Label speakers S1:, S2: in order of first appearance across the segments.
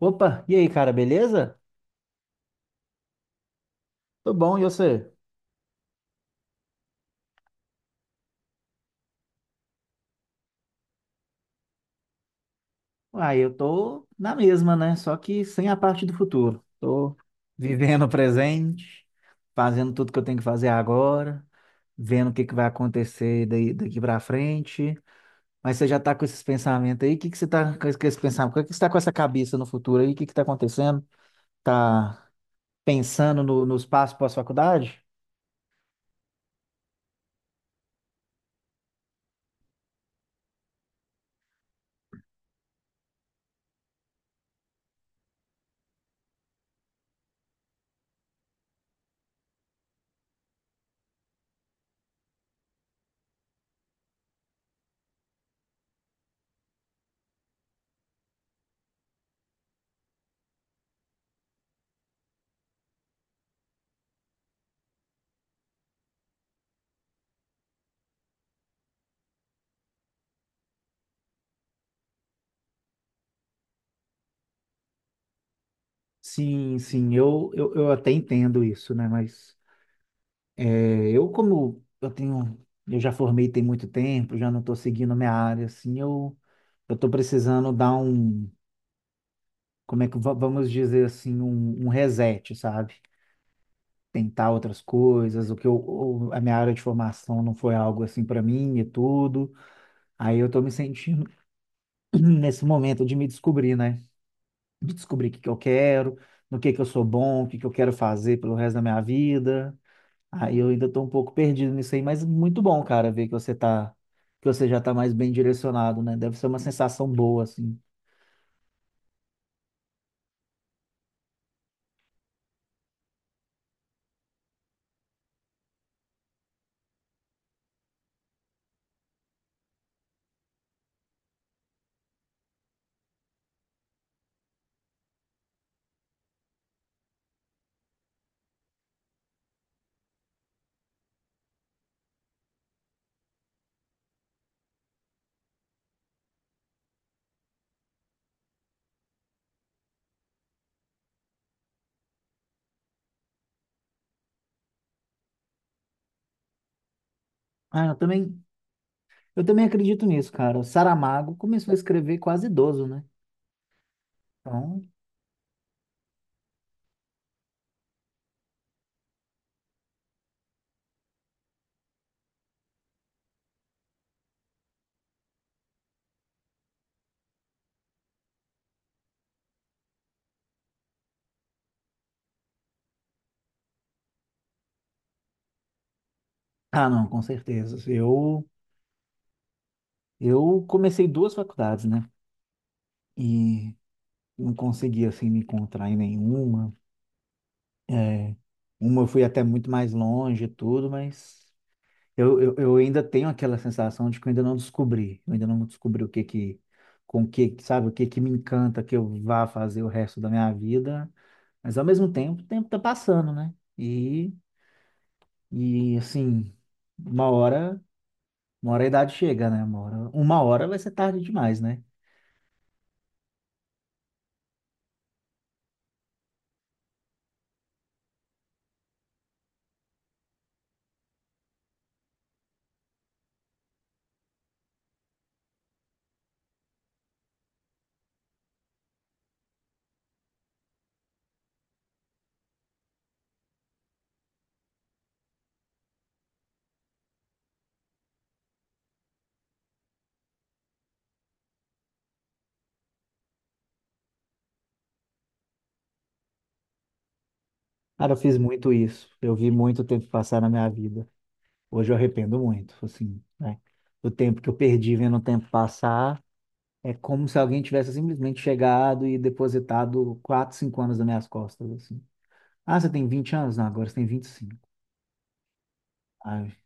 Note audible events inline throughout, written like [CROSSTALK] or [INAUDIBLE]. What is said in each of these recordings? S1: Opa, e aí, cara, beleza? Tô bom, e você? Uai, eu tô na mesma, né? Só que sem a parte do futuro. Tô vivendo o presente, fazendo tudo que eu tenho que fazer agora, vendo o que que vai acontecer daí, daqui pra frente. Mas você já tá com esses pensamentos aí? O que que você tá com esses pensamentos? O que que você tá com essa cabeça no futuro aí? O que que tá acontecendo? Tá pensando no, nos passos pós-faculdade? Sim, sim, eu até entendo isso, né? Mas. É, eu como eu tenho, eu já formei tem muito tempo, já não estou seguindo minha área, assim, eu estou precisando dar um, como é que vamos dizer assim, um reset, sabe? Tentar outras coisas, o que eu, o- a minha área de formação não foi algo assim para mim e tudo. Aí eu estou me sentindo [CLEARS THROAT] nesse momento de me descobrir, né? De descobrir o que que eu quero, no que eu sou bom, o que que eu quero fazer pelo resto da minha vida. Aí eu ainda tô um pouco perdido nisso aí, mas muito bom, cara, ver que você já tá mais bem direcionado, né? Deve ser uma sensação boa, assim. Ah, eu também acredito nisso, cara. O Saramago começou a escrever quase idoso, né? Então, ah, não, com certeza. Eu comecei duas faculdades, né? E não consegui, assim, me encontrar em nenhuma. É, uma eu fui até muito mais longe e tudo, mas eu ainda tenho aquela sensação de que eu ainda não descobri. Eu ainda não descobri o que que, com que, sabe, o que que me encanta que eu vá fazer o resto da minha vida. Mas ao mesmo tempo, o tempo tá passando, né? E assim, uma hora, uma hora a idade chega, né? Uma hora vai ser tarde demais, né? Cara, eu fiz muito isso. Eu vi muito tempo passar na minha vida. Hoje eu arrependo muito, assim, né? O tempo que eu perdi vendo o tempo passar. É como se alguém tivesse simplesmente chegado e depositado 4, 5 anos nas minhas costas, assim. Ah, você tem 20 anos? Não, agora você tem 25. Ai,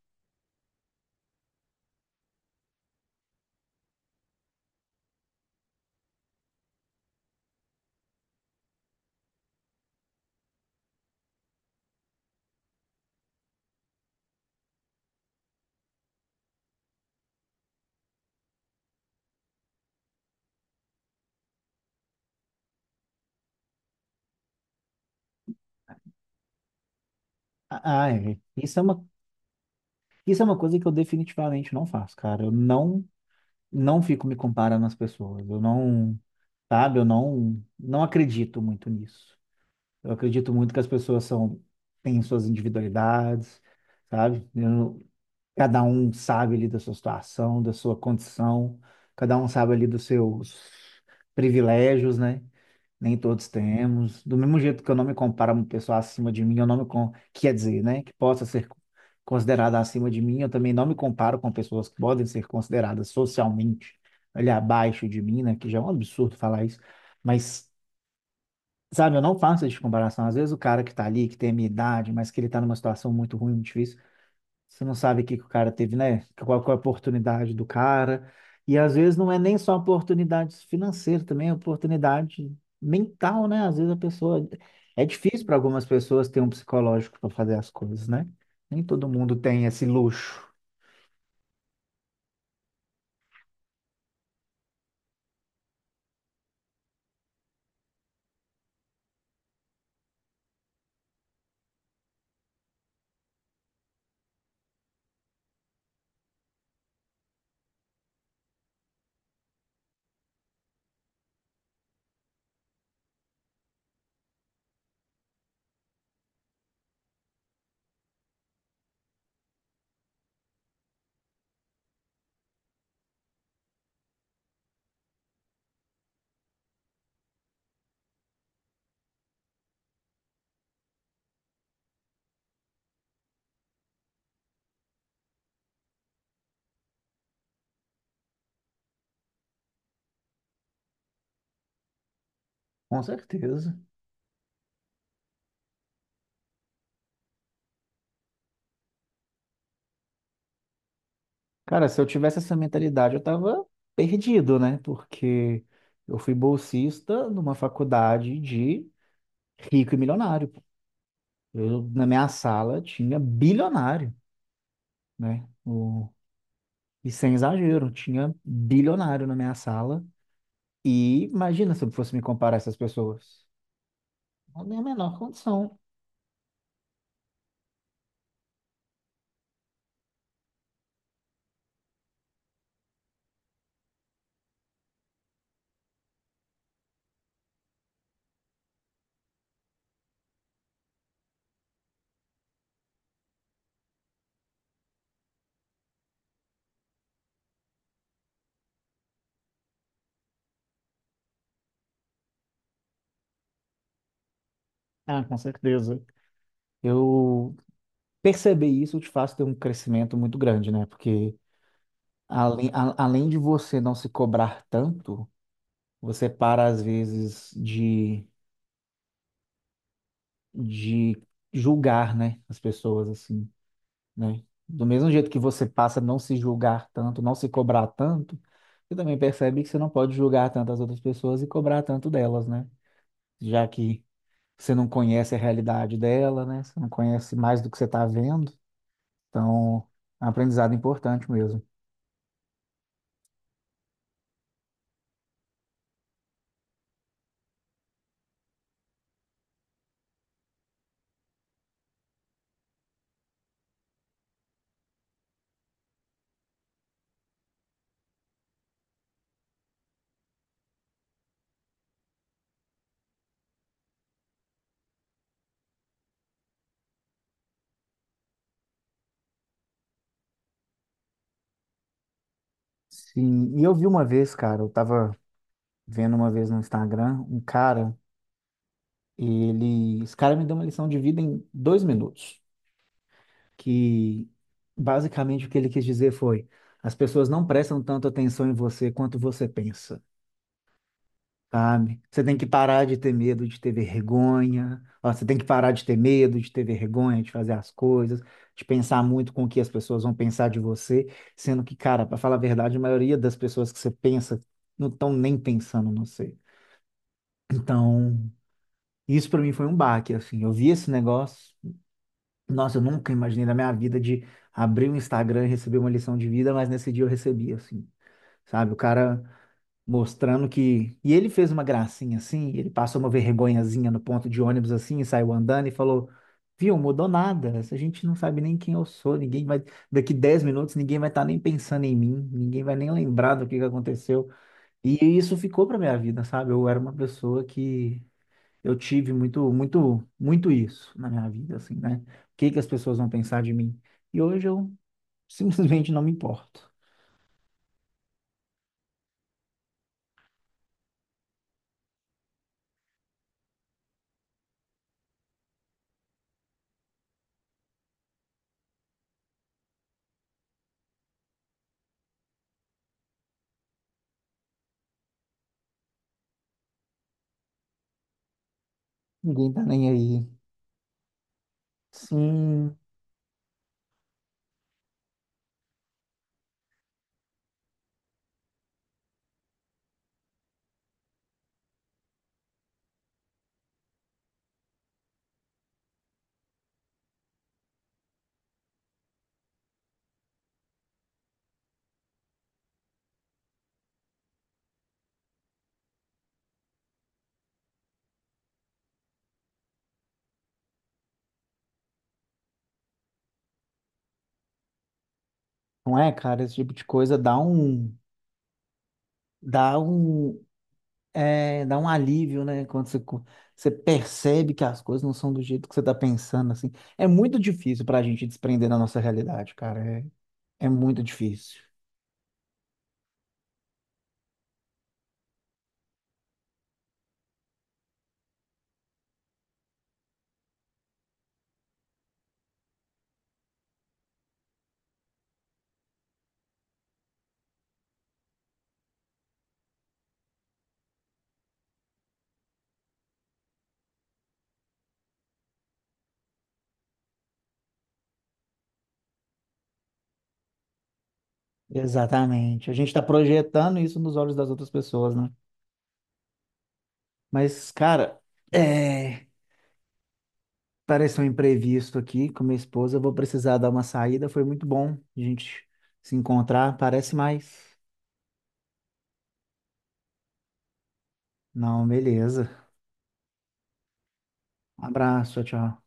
S1: ah, ai, isso é uma coisa que eu definitivamente não faço, cara. Eu não fico me comparando às pessoas. Eu não, sabe, eu não acredito muito nisso. Eu acredito muito que as pessoas são, têm suas individualidades, sabe? Cada um sabe ali da sua situação, da sua condição, cada um sabe ali dos seus privilégios, né? Nem todos temos. Do mesmo jeito que eu não me comparo a uma pessoa acima de mim, eu não quer dizer, né? Que possa ser considerada acima de mim, eu também não me comparo com pessoas que podem ser consideradas socialmente ali abaixo de mim, né? Que já é um absurdo falar isso. Mas, sabe, eu não faço essa comparação. Às vezes o cara que tá ali, que tem a minha idade, mas que ele tá numa situação muito ruim, muito difícil. Você não sabe o que que o cara teve, né? Qual é a oportunidade do cara. E às vezes não é nem só oportunidade financeira, também é oportunidade mental, né? Às vezes a pessoa. É difícil para algumas pessoas ter um psicológico para fazer as coisas, né? Nem todo mundo tem esse luxo. Com certeza. Cara, se eu tivesse essa mentalidade, eu tava perdido, né? Porque eu fui bolsista numa faculdade de rico e milionário. Eu, na minha sala, tinha bilionário, né? O E sem exagero, tinha bilionário na minha sala. E imagina se eu fosse me comparar a essas pessoas. Não tem a menor condição. Ah, com certeza. Eu perceber isso te faz ter um crescimento muito grande, né? Porque além de você não se cobrar tanto, você para às vezes de julgar, né? As pessoas, assim, né? Do mesmo jeito que você passa a não se julgar tanto, não se cobrar tanto, você também percebe que você não pode julgar tanto as outras pessoas e cobrar tanto delas, né? Já que você não conhece a realidade dela, né? Você não conhece mais do que você está vendo. Então, é um aprendizado importante mesmo. Sim, e eu vi uma vez, cara, eu tava vendo uma vez no Instagram, um cara, esse cara me deu uma lição de vida em 2 minutos, que basicamente o que ele quis dizer foi: as pessoas não prestam tanto atenção em você quanto você pensa, sabe? Você tem que parar de ter medo de ter vergonha, ó, você tem que parar de ter medo de ter vergonha de fazer as coisas, de pensar muito com o que as pessoas vão pensar de você, sendo que, cara, para falar a verdade, a maioria das pessoas que você pensa não estão nem pensando no você. Então, isso para mim foi um baque, assim. Eu vi esse negócio. Nossa, eu nunca imaginei na minha vida de abrir o Instagram e receber uma lição de vida, mas nesse dia eu recebi, assim, sabe? O cara mostrando que. E ele fez uma gracinha, assim, ele passou uma vergonhazinha no ponto de ônibus, assim, e saiu andando e falou: Viu, mudou nada, a gente não sabe nem quem eu sou, ninguém vai. Daqui 10 minutos ninguém vai estar nem pensando em mim, ninguém vai nem lembrar do que aconteceu. E isso ficou pra minha vida, sabe? Eu era uma pessoa que. Eu tive muito, muito, muito isso na minha vida, assim, né? O que que as pessoas vão pensar de mim? E hoje eu [LAUGHS] simplesmente não me importo. Ninguém tá nem aí. Sim, não é, cara? Esse tipo de coisa dá um, dá um alívio, né? Quando você percebe que as coisas não são do jeito que você tá pensando, assim. É muito difícil pra gente desprender da nossa realidade, cara. É muito difícil. Exatamente. A gente tá projetando isso nos olhos das outras pessoas, né? Mas, cara, é... apareceu um imprevisto aqui com minha esposa. Eu vou precisar dar uma saída. Foi muito bom a gente se encontrar. Parece mais. Não, beleza. Abraço, tchau.